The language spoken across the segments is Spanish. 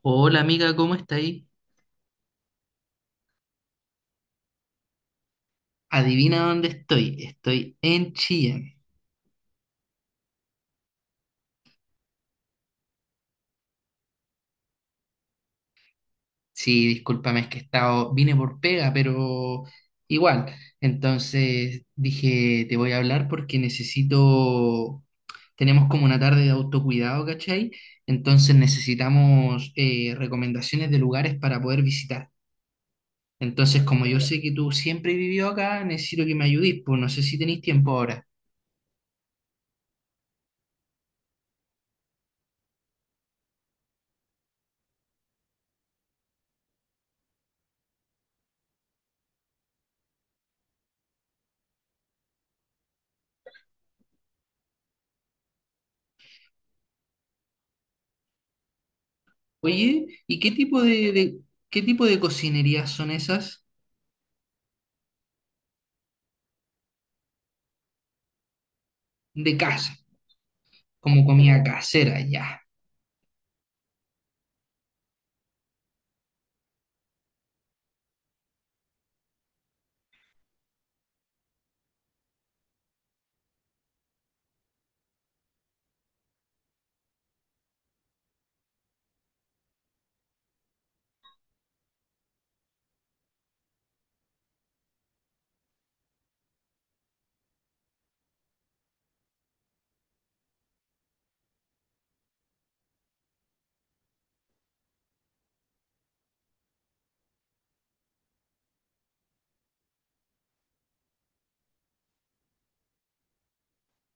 Hola amiga, ¿cómo está ahí? Adivina dónde estoy. Estoy en Chillán. Sí, discúlpame, es que he estado, vine por pega, pero igual. Entonces dije, te voy a hablar porque necesito, tenemos como una tarde de autocuidado, ¿cachai? Entonces necesitamos recomendaciones de lugares para poder visitar. Entonces, como yo sé que tú siempre vivió acá, necesito que me ayudís, pues no sé si tenéis tiempo ahora. Oye, ¿y qué tipo qué tipo de cocinerías son esas? De casa, como comida casera, ya.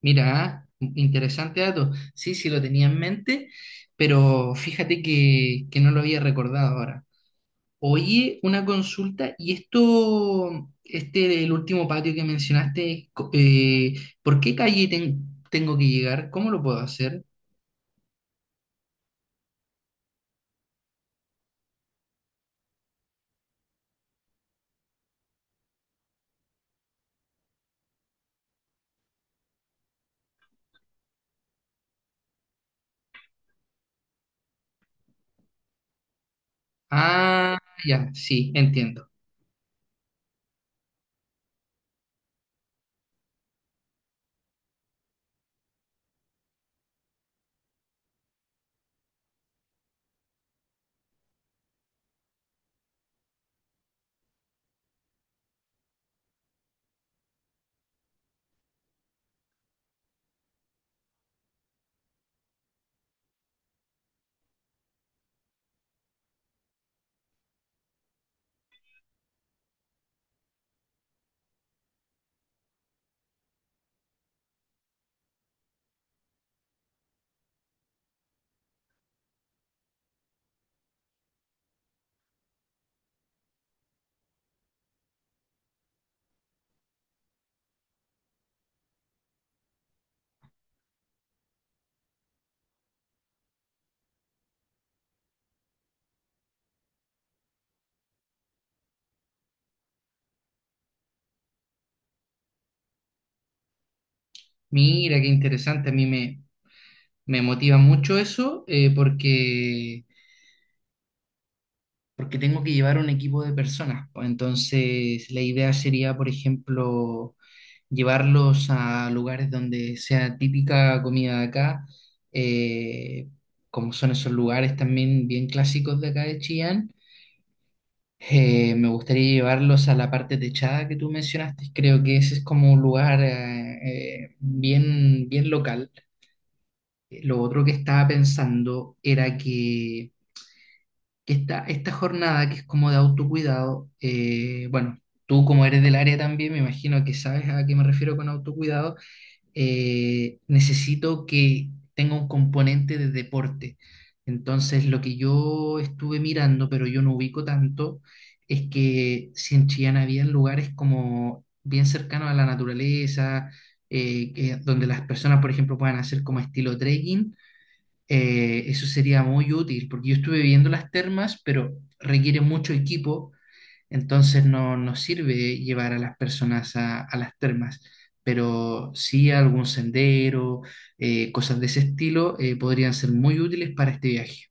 Mira, ¿eh? Interesante dato. Sí, sí lo tenía en mente, pero fíjate que no lo había recordado ahora. Oye, una consulta, y esto, este, el último patio que mencionaste, ¿por qué calle tengo que llegar? ¿Cómo lo puedo hacer? Ah, ya, sí, entiendo. Mira, qué interesante, me motiva mucho eso, porque tengo que llevar un equipo de personas, pues. Entonces, la idea sería, por ejemplo, llevarlos a lugares donde sea típica comida de acá, eh, como son esos lugares también bien clásicos de acá de Chillán. Me gustaría llevarlos a la parte techada que tú mencionaste. Creo que ese es como un lugar bien, bien local. Lo otro que estaba pensando era que esta jornada que es como de autocuidado, bueno, tú como eres del área también, me imagino que sabes a qué me refiero con autocuidado, necesito que tenga un componente de deporte. Entonces, lo que yo estuve mirando, pero yo no ubico tanto, es que si en Chillán había lugares como bien cercanos a la naturaleza, donde las personas, por ejemplo, puedan hacer como estilo trekking, eso sería muy útil, porque yo estuve viendo las termas, pero requiere mucho equipo, entonces no nos sirve llevar a las personas a las termas, pero sí algún sendero, cosas de ese estilo, podrían ser muy útiles para este viaje.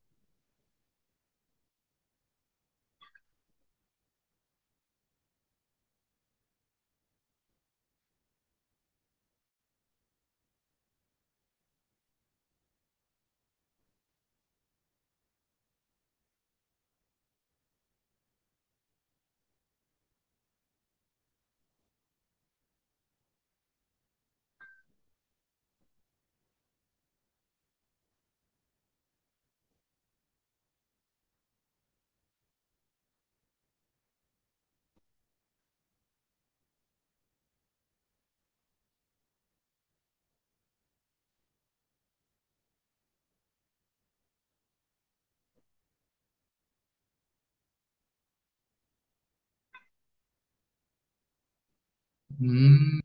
Mm,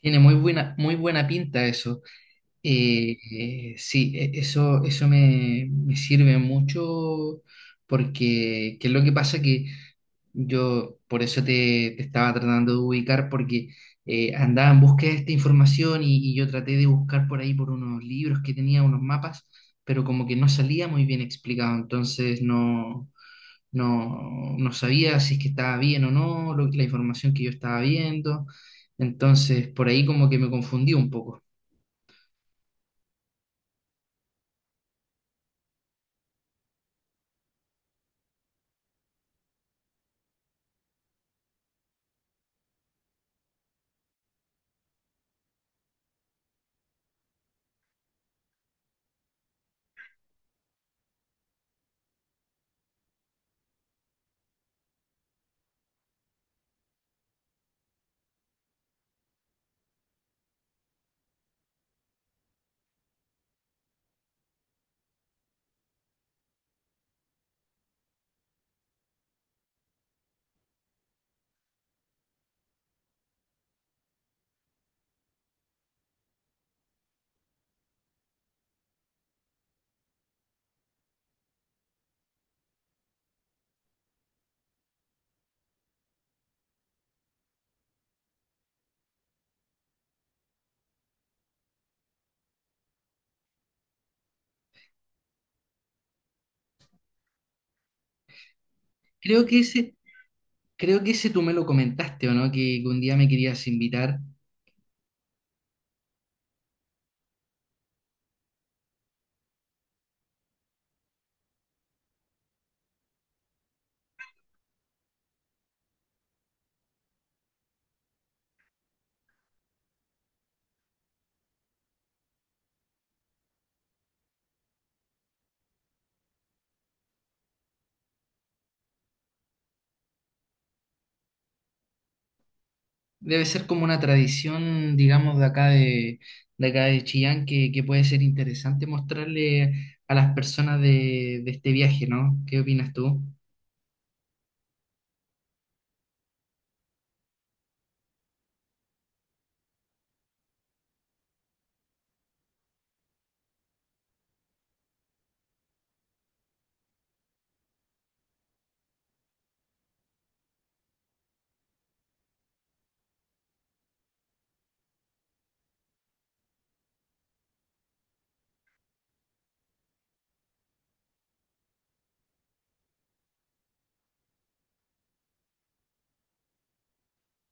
tiene muy buena pinta eso. Sí, eso, me sirve mucho porque, ¿qué es lo que pasa? Que yo por eso te estaba tratando de ubicar porque andaba en búsqueda de esta información y yo traté de buscar por ahí por unos libros que tenía, unos mapas, pero como que no salía muy bien explicado, entonces no sabía si es que estaba bien o no, la información que yo estaba viendo, entonces por ahí como que me confundí un poco. Creo que ese Creo que ese tú me lo comentaste, ¿o no? Que un día me querías invitar. Debe ser como una tradición, digamos, de acá de Chillán, que puede ser interesante mostrarle a las personas de este viaje, ¿no? ¿Qué opinas tú?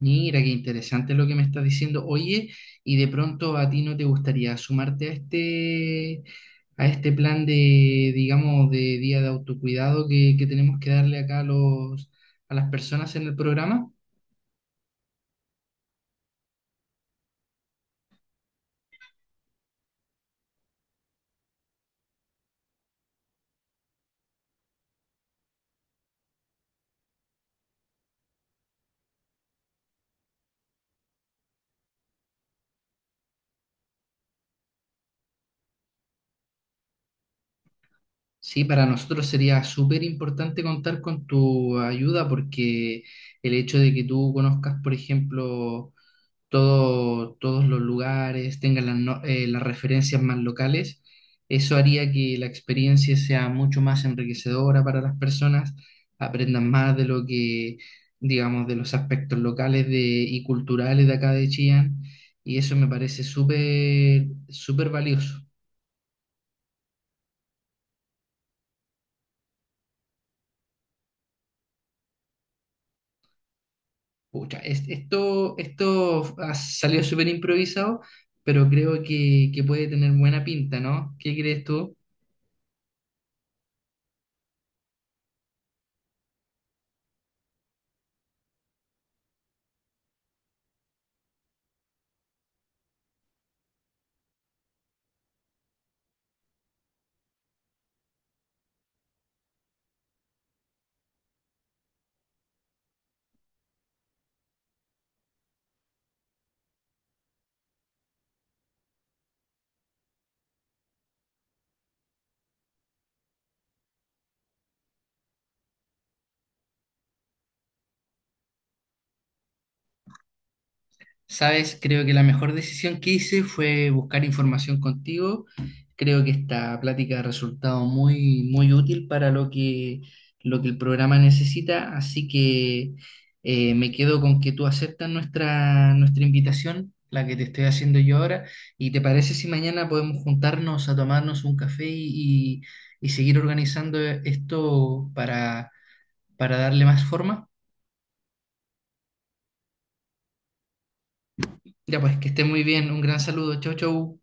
Mira, qué interesante lo que me estás diciendo. Oye, y de pronto a ti no te gustaría sumarte a este plan de, digamos, de día de autocuidado que tenemos que darle acá a los, a las personas en el programa. Sí, para nosotros sería súper importante contar con tu ayuda porque el hecho de que tú conozcas, por ejemplo, todos los lugares, tengas las, las referencias más locales, eso haría que la experiencia sea mucho más enriquecedora para las personas, aprendan más de lo que, digamos, de los aspectos locales y culturales de acá de Chillán, y eso me parece súper, súper valioso. Pucha, esto, esto ha salido súper improvisado, pero creo que puede tener buena pinta, ¿no? ¿Qué crees tú? Sabes, creo que la mejor decisión que hice fue buscar información contigo. Creo que esta plática ha resultado muy, muy útil para lo que el programa necesita, así que me quedo con que tú aceptas nuestra, nuestra invitación, la que te estoy haciendo yo ahora, y te parece si mañana podemos juntarnos a tomarnos un café y seguir organizando esto para darle más forma. Ya pues, que esté muy bien, un gran saludo, chau, chau.